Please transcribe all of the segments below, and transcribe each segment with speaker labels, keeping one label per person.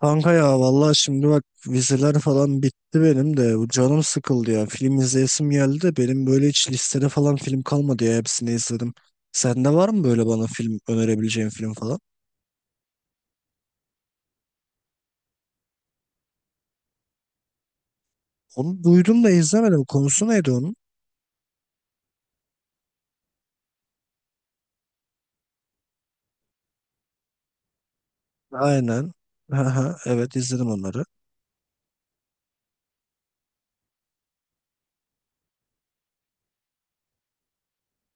Speaker 1: Kanka ya vallahi şimdi bak vizeler falan bitti benim de bu canım sıkıldı ya film izleyesim geldi de benim böyle hiç listede falan film kalmadı ya hepsini izledim. Sende var mı böyle bana film önerebileceğin film falan? Onu duydum da izlemedim, konusu neydi onun? Aynen. Aha, evet izledim onları.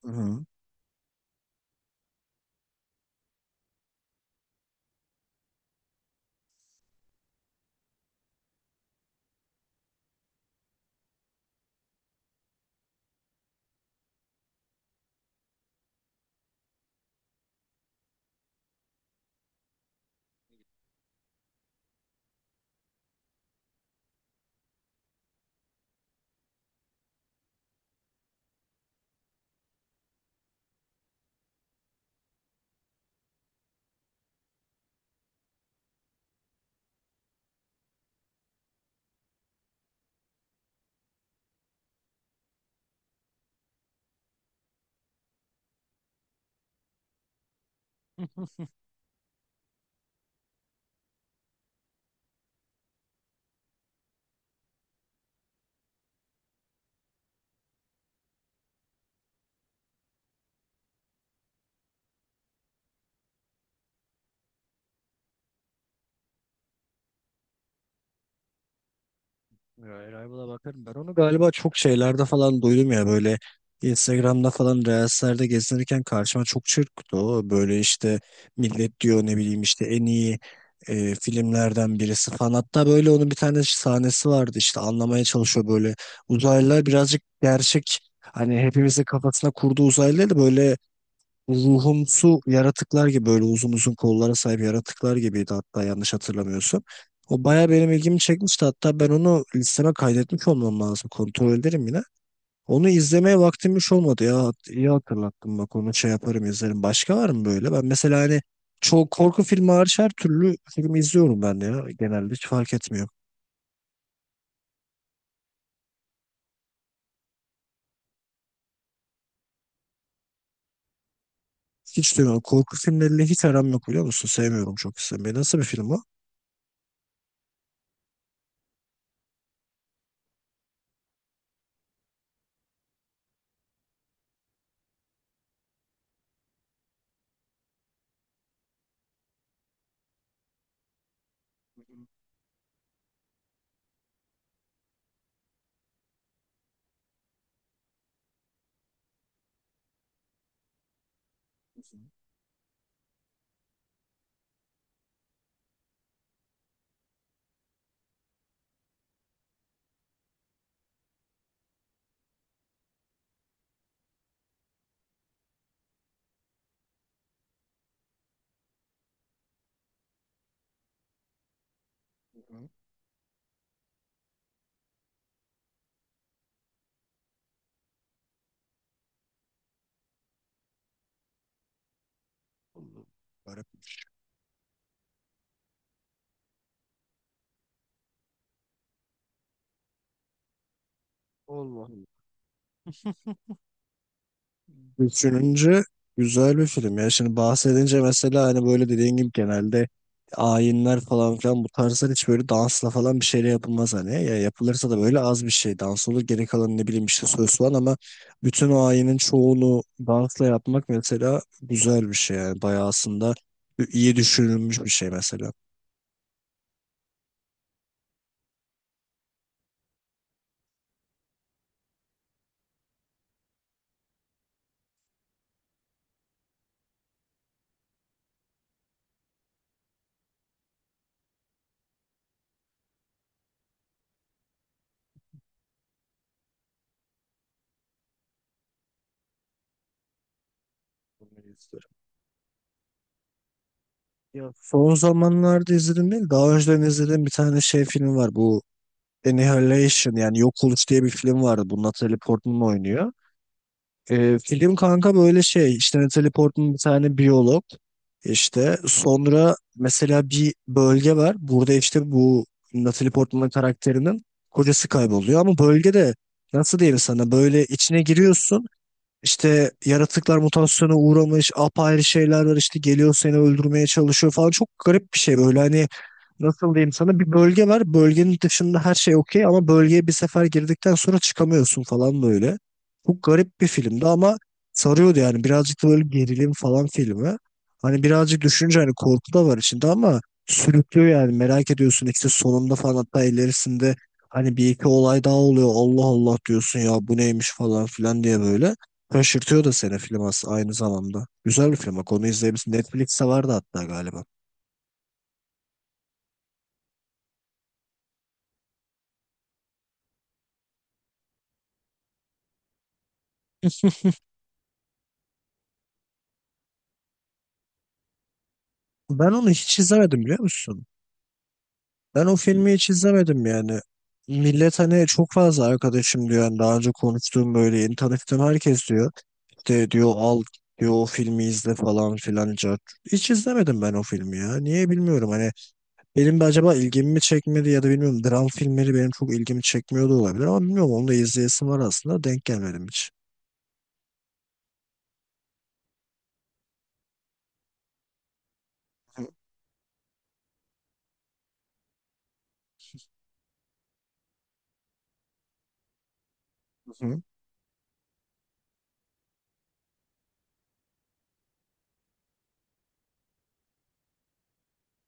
Speaker 1: Hı. Rival'a bakarım. Ben onu galiba çok şeylerde falan duydum ya, böyle Instagram'da falan Reels'lerde gezinirken karşıma çok çırptı o. Böyle işte millet diyor, ne bileyim işte en iyi filmlerden birisi falan. Hatta böyle onun bir tane sahnesi vardı, işte anlamaya çalışıyor böyle. Uzaylılar birazcık gerçek, hani hepimizin kafasına kurduğu uzaylılar da böyle ruhumsu yaratıklar gibi, böyle uzun uzun kollara sahip yaratıklar gibiydi, hatta yanlış hatırlamıyorsam. O baya benim ilgimi çekmişti, hatta ben onu listeme kaydetmiş olmam lazım, kontrol ederim yine. Onu izlemeye vaktim hiç olmadı ya, iyi hatırlattın bak, onu şey yaparım izlerim. Başka var mı böyle? Ben mesela hani çok, korku filmi hariç her türlü film izliyorum ben de ya, genelde hiç fark etmiyor. Hiç duymuyorum. Korku filmleriyle hiç aram yok biliyor musun? Sevmiyorum çok izlemeyi. Nasıl bir film o? Hı hı. Garipmiş. Allah Allah. Düşününce güzel bir film. Yani şimdi bahsedince mesela hani böyle, dediğin gibi genelde ayinler falan filan, bu tarzlar hiç böyle dansla falan bir şeyle yapılmaz hani. Ya yapılırsa da böyle az bir şey dans olur. Geri kalan ne bileyim işte söz falan, ama bütün o ayinin çoğunu dansla yapmak mesela güzel bir şey yani. Bayağı aslında iyi düşünülmüş bir şey mesela. Bunları izliyorum. Ya son zamanlarda izledim değil, daha önceden izlediğim bir tane şey film var, bu Annihilation yani Yok Oluş diye bir film vardı. Bu Natalie Portman oynuyor. Film kanka böyle şey, işte Natalie Portman bir tane biyolog. İşte sonra mesela bir bölge var. Burada işte bu Natalie Portman karakterinin kocası kayboluyor. Ama bölgede nasıl diyeyim sana, böyle içine giriyorsun. İşte yaratıklar mutasyona uğramış, apayrı şeyler var, işte geliyor seni öldürmeye çalışıyor falan. Çok garip bir şey böyle, hani nasıl diyeyim sana, bir bölge var. Bölgenin dışında her şey okey, ama bölgeye bir sefer girdikten sonra çıkamıyorsun falan böyle. Çok garip bir filmdi ama sarıyordu yani. Birazcık da böyle gerilim falan filmi. Hani birazcık düşününce hani korku da var içinde, ama sürüklüyor yani. Merak ediyorsun işte sonunda falan, hatta ilerisinde hani bir iki olay daha oluyor. Allah Allah diyorsun, ya bu neymiş falan filan diye böyle. Şaşırtıyor da seni film aynı zamanda. Güzel bir film. Bak onu izleyebilirsin. Netflix'te vardı hatta galiba. Ben onu hiç izlemedim biliyor musun? Ben o filmi hiç izlemedim yani. Millet hani, çok fazla arkadaşım diyor. Yani daha önce konuştuğum, böyle yeni tanıştığım herkes diyor. İşte diyor al, diyor o filmi izle falan filan. Cart. Hiç izlemedim ben o filmi ya. Niye bilmiyorum, hani benim de acaba ilgimi mi çekmedi, ya da bilmiyorum. Dram filmleri benim çok ilgimi çekmiyor da olabilir, ama bilmiyorum, onu da izleyesim var aslında. Denk gelmedim hiç. Hı hı,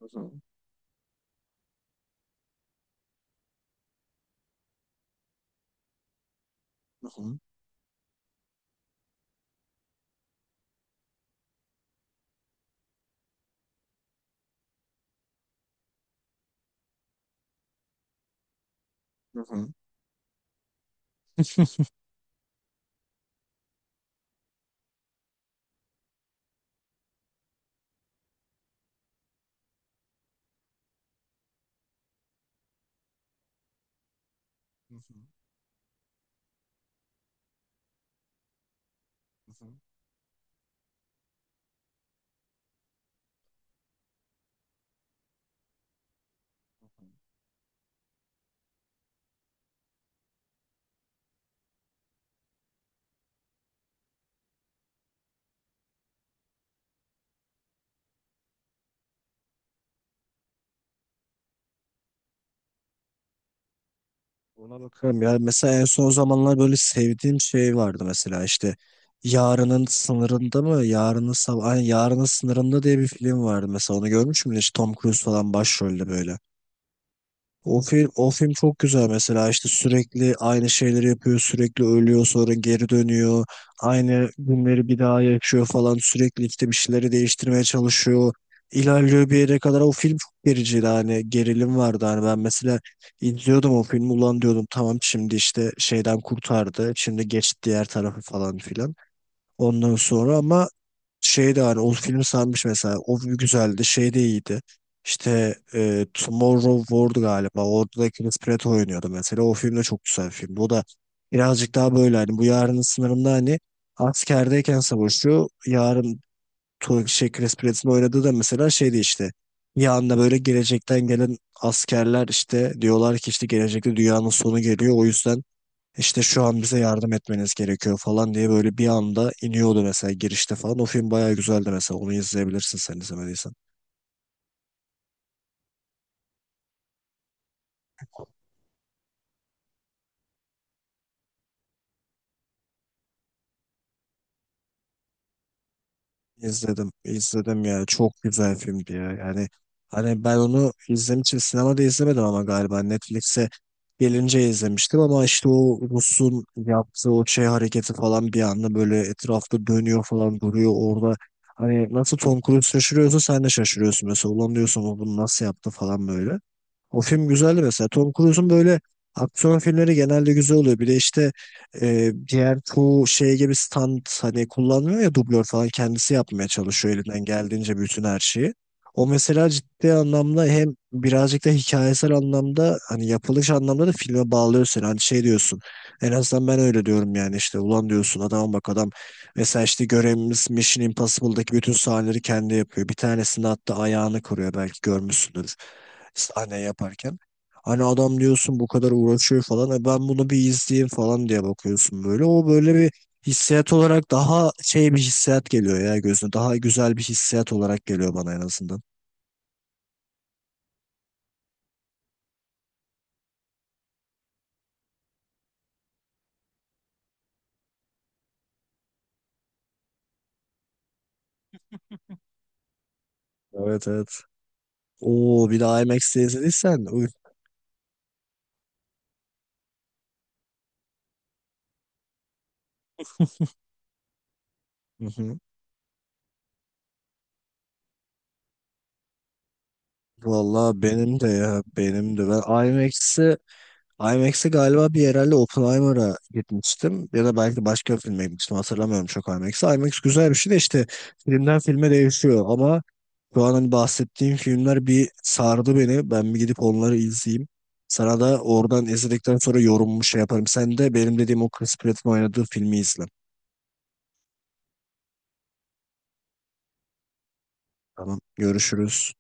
Speaker 1: hı hı, hı hı, hı hı, hı. Ona bakarım ya. Mesela en son zamanlar böyle sevdiğim şey vardı mesela, işte Yarının Sınırında mı? Yarının Sabah, Ay, Yarının Sınırında diye bir film vardı mesela. Onu görmüş müydün? İşte Tom Cruise falan başrolde böyle. O film, o film çok güzel mesela, işte sürekli aynı şeyleri yapıyor, sürekli ölüyor sonra geri dönüyor, aynı günleri bir daha yaşıyor falan, sürekli işte bir şeyleri değiştirmeye çalışıyor, ilerliyor bir yere kadar. O film çok gericiydi hani, gerilim vardı hani. Ben mesela izliyordum o filmi, ulan diyordum tamam şimdi işte şeyden kurtardı, şimdi geç diğer tarafı falan filan, ondan sonra. Ama şey de hani o filmi sanmış mesela. O güzeldi. Şey de iyiydi. İşte Tomorrow War galiba. Orada da Chris Pratt oynuyordu mesela. O film de çok güzel bir filmdi. O da birazcık daha böyle hani, bu Yarının Sınırında hani askerdeyken savaşıyor. Chris Pratt'in oynadığı da mesela şeydi işte. Bir anda böyle gelecekten gelen askerler, işte diyorlar ki işte gelecekte dünyanın sonu geliyor. O yüzden işte şu an bize yardım etmeniz gerekiyor falan diye, böyle bir anda iniyordu mesela girişte falan. O film bayağı güzeldi mesela. Onu izleyebilirsin sen izlemediysen. İzledim, izledim ya. Çok güzel filmdi ya. Yani hani ben onu izlemek için sinemada izlemedim ama galiba Netflix'e gelince izlemiştim, ama işte o Rus'un yaptığı o şey hareketi falan, bir anda böyle etrafta dönüyor falan, duruyor orada. Hani nasıl Tom Cruise şaşırıyorsa sen de şaşırıyorsun mesela. Ulan diyorsun o bunu nasıl yaptı falan böyle. O film güzeldi mesela. Tom Cruise'un böyle aksiyon filmleri genelde güzel oluyor. Bir de işte diğer çoğu şey gibi stand hani kullanmıyor ya, dublör falan, kendisi yapmaya çalışıyor elinden geldiğince bütün her şeyi. O mesela ciddi anlamda hem birazcık da hikayesel anlamda, hani yapılış anlamda da filme bağlıyor seni. Hani şey diyorsun, en azından ben öyle diyorum yani, işte ulan diyorsun adama, bak adam mesela işte görevimiz Mission Impossible'daki bütün sahneleri kendi yapıyor. Bir tanesini hatta ayağını kırıyor, belki görmüşsündür sahne yaparken. Hani adam diyorsun bu kadar uğraşıyor falan. E ben bunu bir izleyeyim falan diye bakıyorsun böyle. O böyle bir hissiyat olarak daha şey bir hissiyat geliyor ya gözüne. Daha güzel bir hissiyat olarak geliyor bana en azından. Evet evet. Oo bir de IMAX'te izlediysen. Uy. Hı hı. Vallahi benim de ya, benim de. Ben IMAX'i IMAX'e galiba bir, herhalde Oppenheimer'a gitmiştim ya da belki başka bir filme gitmiştim, hatırlamıyorum çok IMAX'e. IMAX güzel bir şey de işte filmden filme değişiyor, ama şu an hani bahsettiğim filmler bir sardı beni. Ben bir gidip onları izleyeyim. Sana da oradan izledikten sonra yorumumu şey yaparım. Sen de benim dediğim o Chris Pratt'ın oynadığı filmi izle. Tamam, görüşürüz.